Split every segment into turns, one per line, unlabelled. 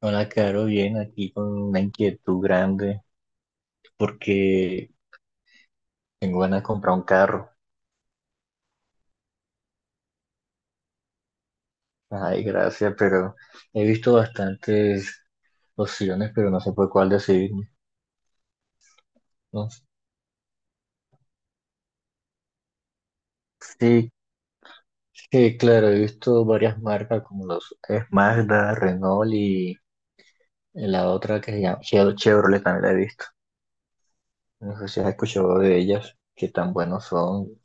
Hola, Caro, bien, aquí con una inquietud grande porque tengo ganas de comprar un carro. Ay, gracias, pero he visto bastantes opciones, pero no sé por cuál decidirme. No sé. Sí, sí, claro, he visto varias marcas como los es Mazda, Renault y la otra que se llama Chevrolet también la he visto. No sé si has escuchado de ellas, qué tan buenos son.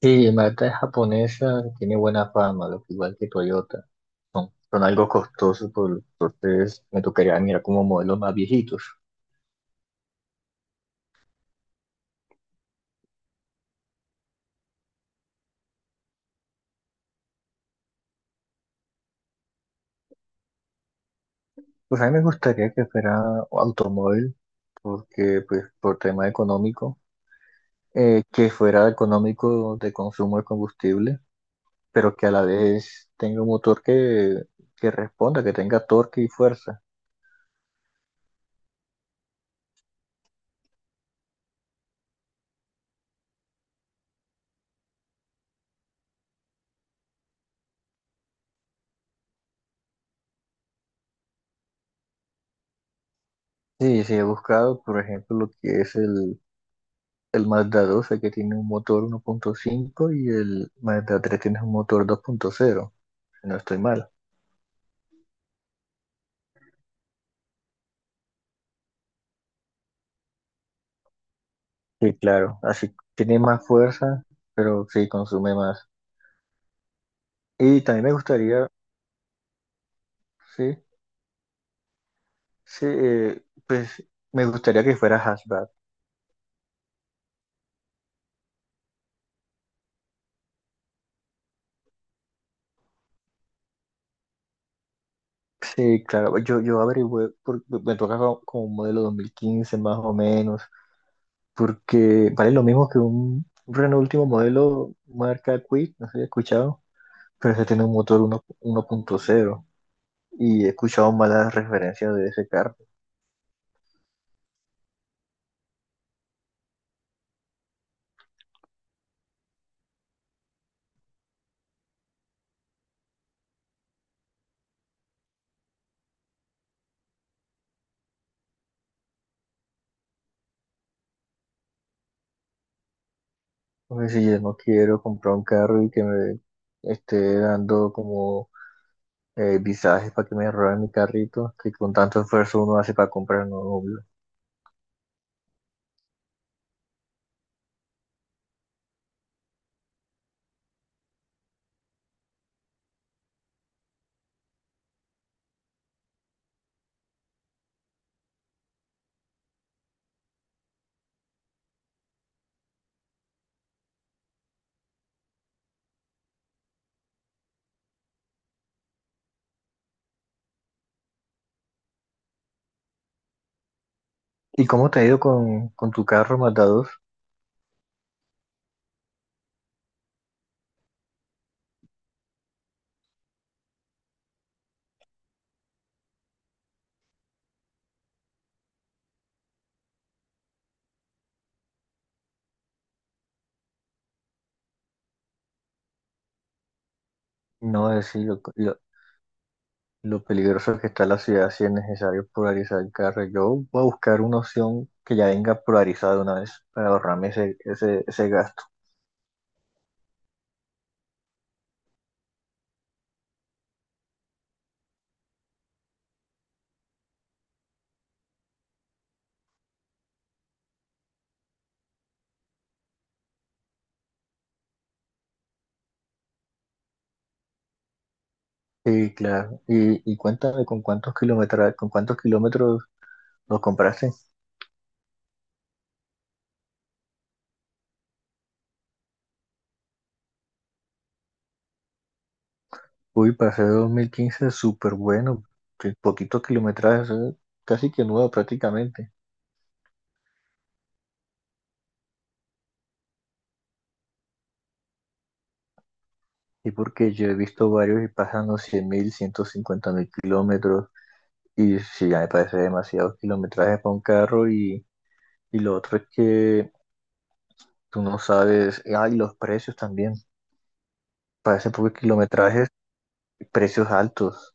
Sí, Mazda es japonesa, tiene buena fama, lo que igual que Toyota. Son algo costosos, entonces me tocaría mirar como modelos más viejitos. Pues a mí me gustaría que fuera automóvil, porque pues por tema económico, que fuera económico de consumo de combustible, pero que a la vez tenga un motor que responda, que tenga torque y fuerza. Sí, sí, he buscado, por ejemplo, lo que es el Mazda 12, que tiene un motor 1.5 y el Mazda 3 tiene un motor 2.0, si no estoy mal. Sí, claro, así tiene más fuerza, pero sí consume más. Y también me gustaría, sí, sí, pues me gustaría que fuera hatchback. Sí, claro, yo averigüé, me toca como un modelo 2015 más o menos, porque vale lo mismo que un Renault último modelo marca Kwid, no sé si he escuchado, pero ese tiene un motor 1 1.0 y he escuchado malas referencias de ese carro. Porque si yo no quiero comprar un carro y que me esté dando como visajes para que me roben mi carrito, que con tanto esfuerzo uno hace para comprar un obvio. ¿Y cómo te ha ido con tu carro Mazda 2? No es decir lo peligroso que está la ciudad si es necesario polarizar el carro. Yo voy a buscar una opción que ya venga polarizada de una vez para ahorrarme ese gasto. Sí, claro. Y cuéntame con cuántos kilómetros lo compraste. Uy, para ser 2015 súper bueno, que poquitos kilometrajes, casi que nuevo prácticamente. Y porque yo he visto varios y pasan los 100.000, mil 150.000 kilómetros, y sí, ya me parece demasiado kilometraje para un carro. Y lo otro es que tú no sabes, ah, y los precios también, parece pocos kilometrajes, precios altos.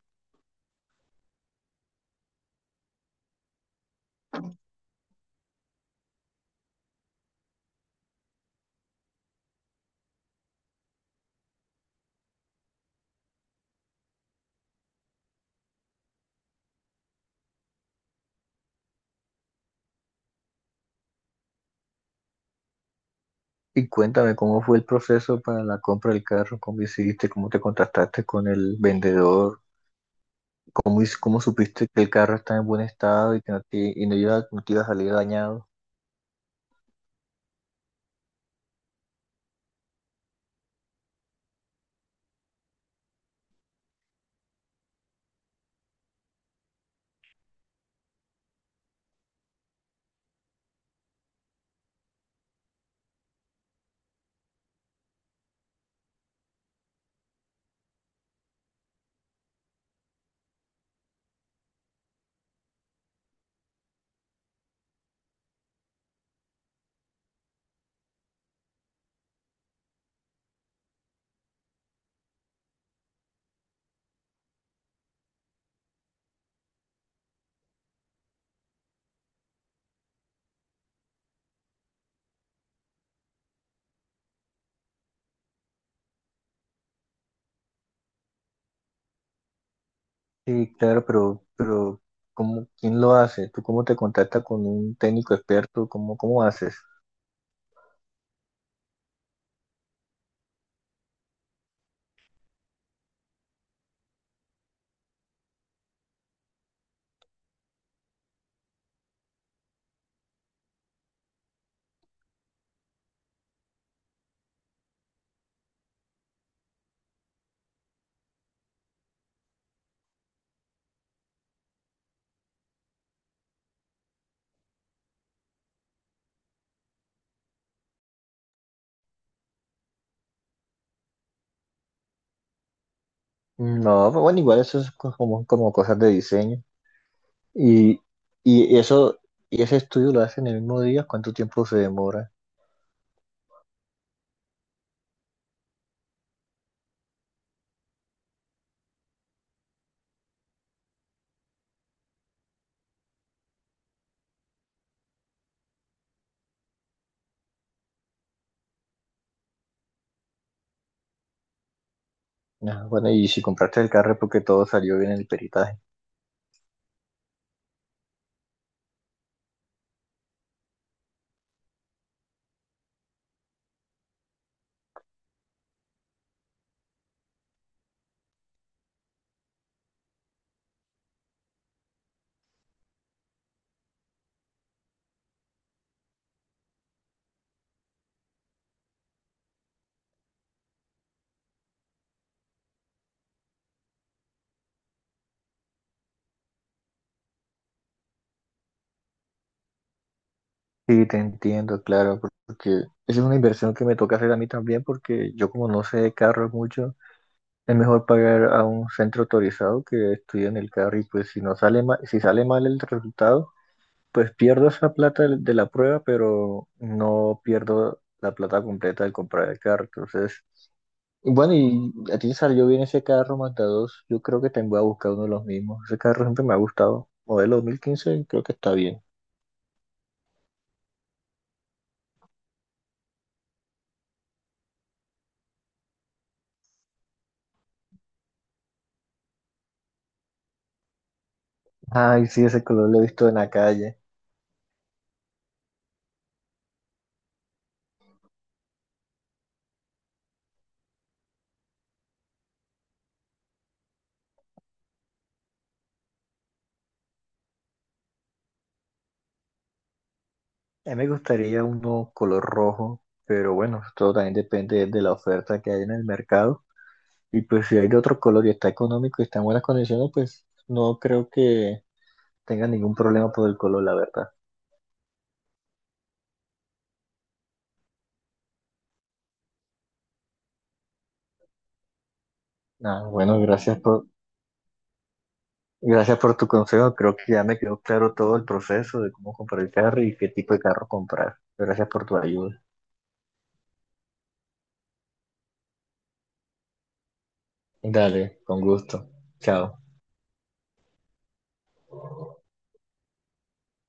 Y cuéntame cómo fue el proceso para la compra del carro, cómo hiciste, cómo te contactaste con el vendedor. ¿¿Cómo supiste que el carro está en buen estado y que no te iba a salir dañado? Sí, claro, pero ¿ quién lo hace? ¿Tú cómo te contactas con un técnico experto? ¿Cómo haces? No, pues bueno, igual eso es como cosas de diseño. Y, y eso, y ese estudio lo hacen el mismo día, ¿cuánto tiempo se demora? Ah, bueno, y si compraste el carro es porque todo salió bien en el peritaje. Sí, te entiendo, claro, porque esa es una inversión que me toca hacer a mí también, porque yo como no sé de carros mucho, es mejor pagar a un centro autorizado que estudie en el carro, y pues si no sale mal, si sale mal el resultado, pues pierdo esa plata de la prueba, pero no pierdo la plata completa de comprar el carro. Entonces, bueno, y a ti te salió bien ese carro Mazda 2, yo creo que te voy a buscar uno de los mismos. Ese carro siempre me ha gustado. Modelo 2015, creo que está bien. Ay, sí, ese color lo he visto en la calle. A mí me gustaría uno color rojo, pero bueno, todo también depende de la oferta que hay en el mercado. Y pues si hay de otro color y está económico y está en buenas condiciones, pues no creo que tenga ningún problema por el color, la verdad. Ah, bueno, gracias por tu consejo. Creo que ya me quedó claro todo el proceso de cómo comprar el carro y qué tipo de carro comprar. Gracias por tu ayuda. Dale, con gusto. Chao.